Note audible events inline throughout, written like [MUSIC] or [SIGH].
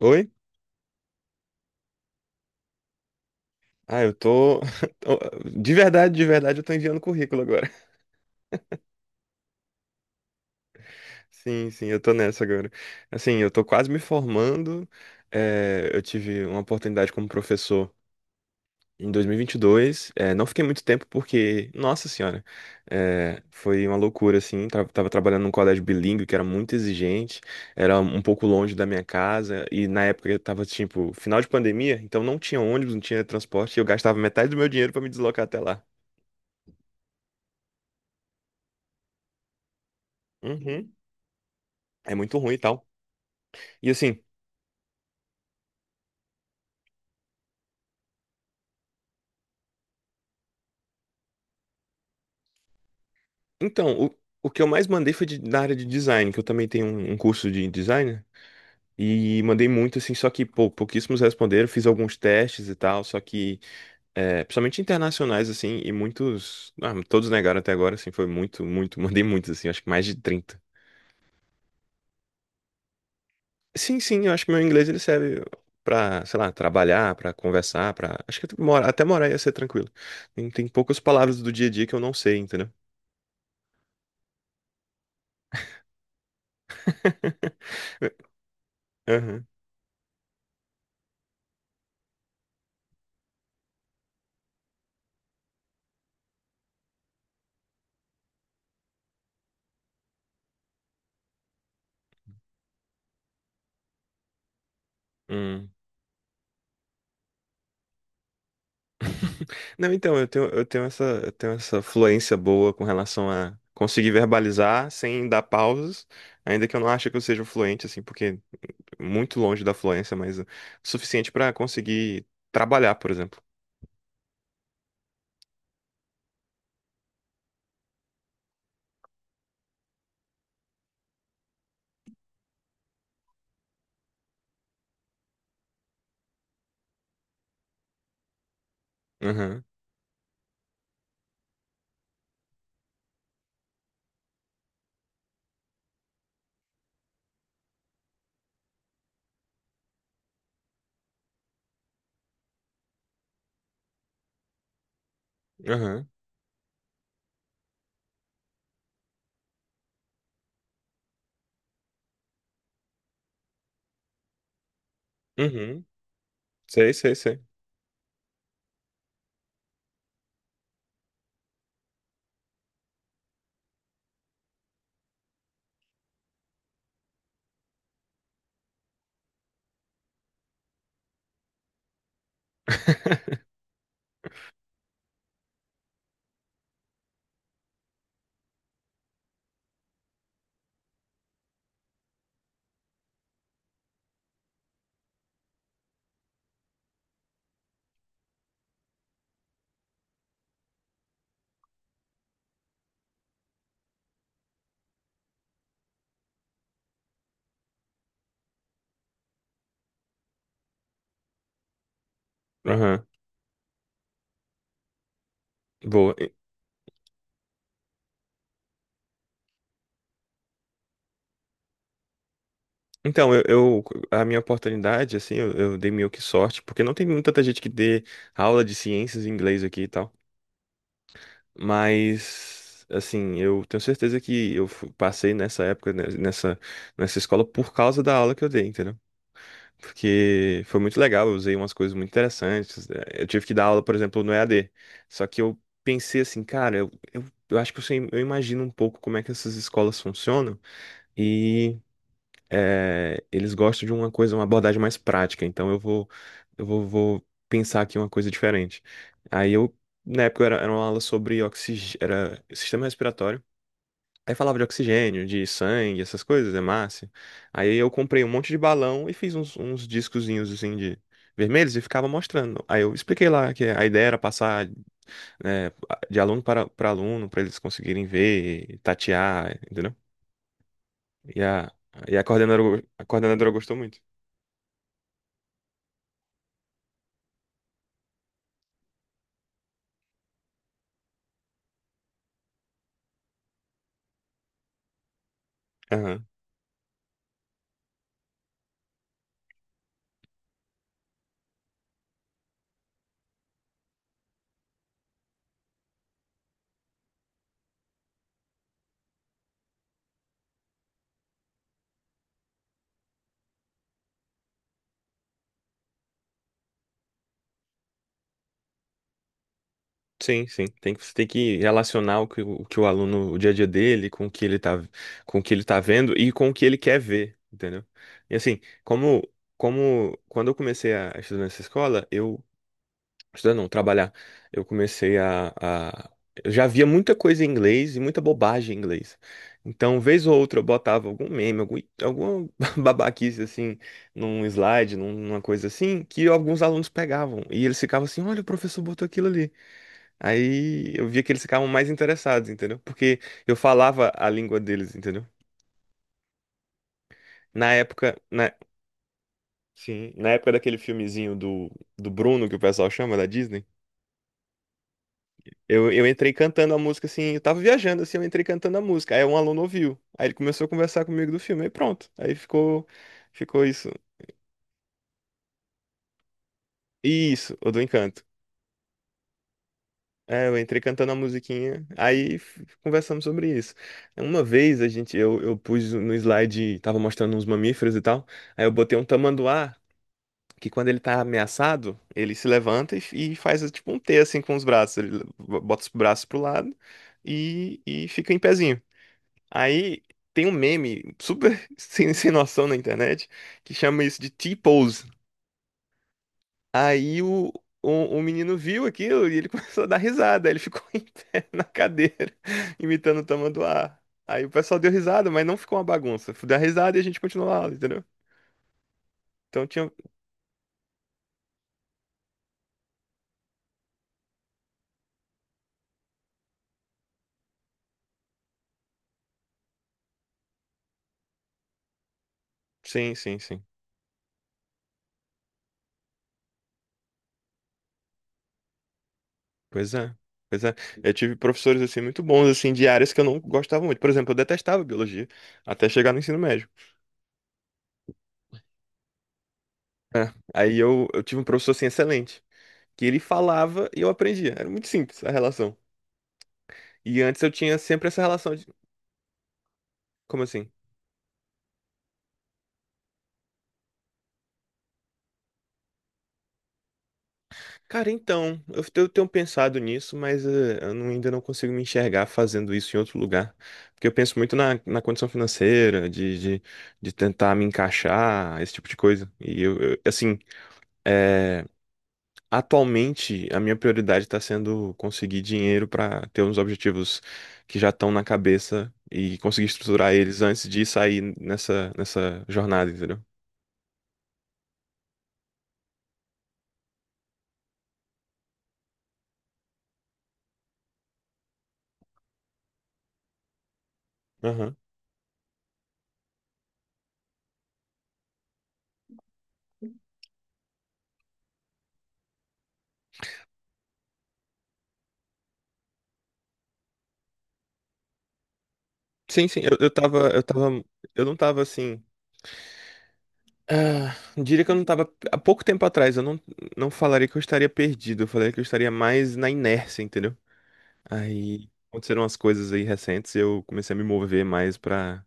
Oi? Ah, eu tô. [LAUGHS] tô- de verdade, eu tô enviando currículo agora. [LAUGHS] Sim, sim, eu tô nessa agora. Assim, eu tô quase me formando. É, eu tive uma oportunidade como professor em 2022. É, não fiquei muito tempo porque, nossa senhora, foi uma loucura, assim. Tava trabalhando num colégio bilíngue que era muito exigente, era um pouco longe da minha casa. E na época eu tava, tipo, final de pandemia, então não tinha ônibus, não tinha transporte. E eu gastava metade do meu dinheiro pra me deslocar até lá. Uhum. É muito ruim e tal. E assim, então, o que eu mais mandei foi na área de design, que eu também tenho um curso de design, né? E mandei muito, assim, só que, pô, pouquíssimos responderam. Fiz alguns testes e tal, só que, é, principalmente internacionais, assim, e muitos. Ah, todos negaram até agora, assim, foi muito, muito. [LAUGHS] Mandei muitos, assim, acho que mais de 30. Sim, sim, eu acho que meu inglês ele serve pra, sei lá, trabalhar, pra conversar, pra. Acho que mora, até morar ia ser tranquilo. Tem, tem poucas palavras do dia a dia que eu não sei, entendeu? [LAUGHS] Aham. Hum. Não, então, eu tenho essa fluência boa com relação a conseguir verbalizar sem dar pausas, ainda que eu não ache que eu seja fluente, assim, porque muito longe da fluência, mas o suficiente para conseguir trabalhar, por exemplo. Aham, aham, uhum. Sei, sei, sei. [LAUGHS] Aham, boa. Então, eu, eu- a minha oportunidade, assim, eu dei meio que sorte, porque não tem muita gente que dê aula de ciências em inglês aqui e tal. Mas, assim, eu tenho certeza que eu passei nessa época, né, nessa escola, por causa da aula que eu dei, entendeu? Porque foi muito legal, eu usei umas coisas muito interessantes, né? Eu tive que dar aula, por exemplo, no EAD. Só que eu pensei assim, cara, eu acho que eu, sei, eu imagino um pouco como é que essas escolas funcionam. É, eles gostam de uma coisa, uma abordagem mais prática. Então vou pensar aqui uma coisa diferente. Aí eu, Na época, era uma aula sobre era sistema respiratório. Aí falava de oxigênio, de sangue, essas coisas, hemácia. Aí eu comprei um monte de balão e fiz uns discozinhos assim de vermelhos e ficava mostrando. Aí eu expliquei lá que a ideia era passar, né, de aluno para, para aluno, para eles conseguirem ver, tatear, entendeu? E a, e a coordenadora gostou muito. Sim, sim. Tem que, você tem que relacionar o que o que o aluno, o dia a dia dele, com o que ele tá, com o que ele tá vendo e com o que ele quer ver, entendeu? E assim, como, como quando eu comecei a estudar nessa escola, eu, estudar não, trabalhar, eu comecei eu já via muita coisa em inglês e muita bobagem em inglês. Então, vez ou outra, eu botava algum meme, algum, alguma [LAUGHS] babaquice assim, num slide, numa coisa assim, que alguns alunos pegavam. E eles ficavam assim, olha, o professor botou aquilo ali. Aí eu via que eles ficavam mais interessados, entendeu? Porque eu falava a língua deles, entendeu? Na época, na, sim, na época daquele filmezinho do, do Bruno, que o pessoal chama, da Disney, eu entrei cantando a música assim, eu tava viajando assim, eu entrei cantando a música. Aí um aluno ouviu, aí ele começou a conversar comigo do filme, aí pronto. Ficou isso. Isso, o do Encanto. É, eu entrei cantando a musiquinha, aí conversamos sobre isso. Uma vez a gente, eu pus no slide, tava mostrando uns mamíferos e tal, aí eu botei um tamanduá, que quando ele tá ameaçado, ele se levanta e, e faz tipo um T assim com os braços, ele bota os braços pro lado e fica em pezinho. Aí tem um meme super [LAUGHS] sem, sem noção na internet que chama isso de T-pose. Aí o, o, o menino viu aquilo e ele [LAUGHS] começou a dar risada. Ele ficou [LAUGHS] em pé na cadeira, [LAUGHS] imitando o tamanduá. Aí o pessoal deu risada, mas não ficou uma bagunça. Deu risada e a gente continuou a aula, entendeu? Então tinha. Sim, sim, sim. Pois é. Pois é. Eu tive professores assim muito bons, assim, de áreas que eu não gostava muito. Por exemplo, eu detestava biologia até chegar no ensino médio. É. Eu tive um professor assim excelente, que ele falava e eu aprendia. Era muito simples a relação. E antes eu tinha sempre essa relação de. Como assim? Cara, então, eu tenho pensado nisso, mas eu não- ainda não consigo me enxergar fazendo isso em outro lugar. Porque eu penso muito na condição financeira, de tentar me encaixar, esse tipo de coisa. E assim, eh, atualmente a minha prioridade está sendo conseguir dinheiro para ter uns objetivos que já estão na cabeça e conseguir estruturar eles antes de sair nessa, nessa jornada, entendeu? Aham. Sim, sim, eu tava, eu não tava assim. Ah, diria que eu não tava. Há pouco tempo atrás, eu não, não falaria que eu estaria perdido. Eu falaria que eu estaria mais na inércia, entendeu? Aí aconteceram umas coisas aí recentes e eu comecei a me mover mais pra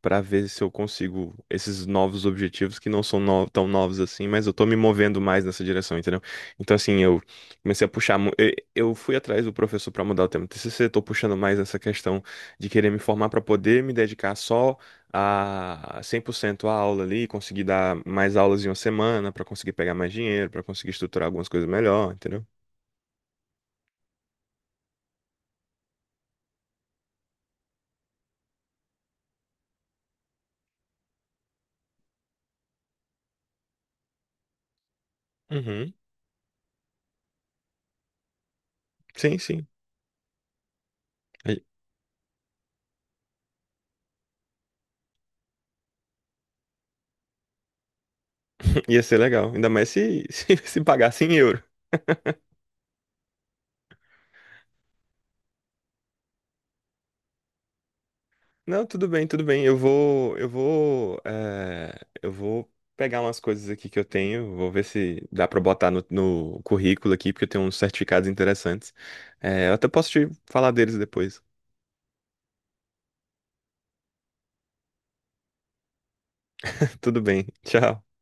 para ver se eu consigo esses novos objetivos que não são tão novos assim, mas eu tô me movendo mais nessa direção, entendeu? Então, assim, eu comecei a puxar. Eu fui atrás do professor para mudar o tema do TCC, tô puxando mais essa questão de querer me formar para poder me dedicar só a 100% à aula ali, conseguir dar mais aulas em uma semana, para conseguir pegar mais dinheiro, para conseguir estruturar algumas coisas melhor, entendeu? Uhum. Sim, sim. Aí, [LAUGHS] [CLEARS THROAT] ia ser legal, ainda mais se, [LAUGHS] se pagasse em euro. Não, tudo bem, tudo bem. Eu vou pegar umas coisas aqui que eu tenho, vou ver se dá pra botar no, no currículo aqui, porque eu tenho uns certificados interessantes. Eh, eu até posso te falar deles depois. [LAUGHS] Tudo bem, tchau.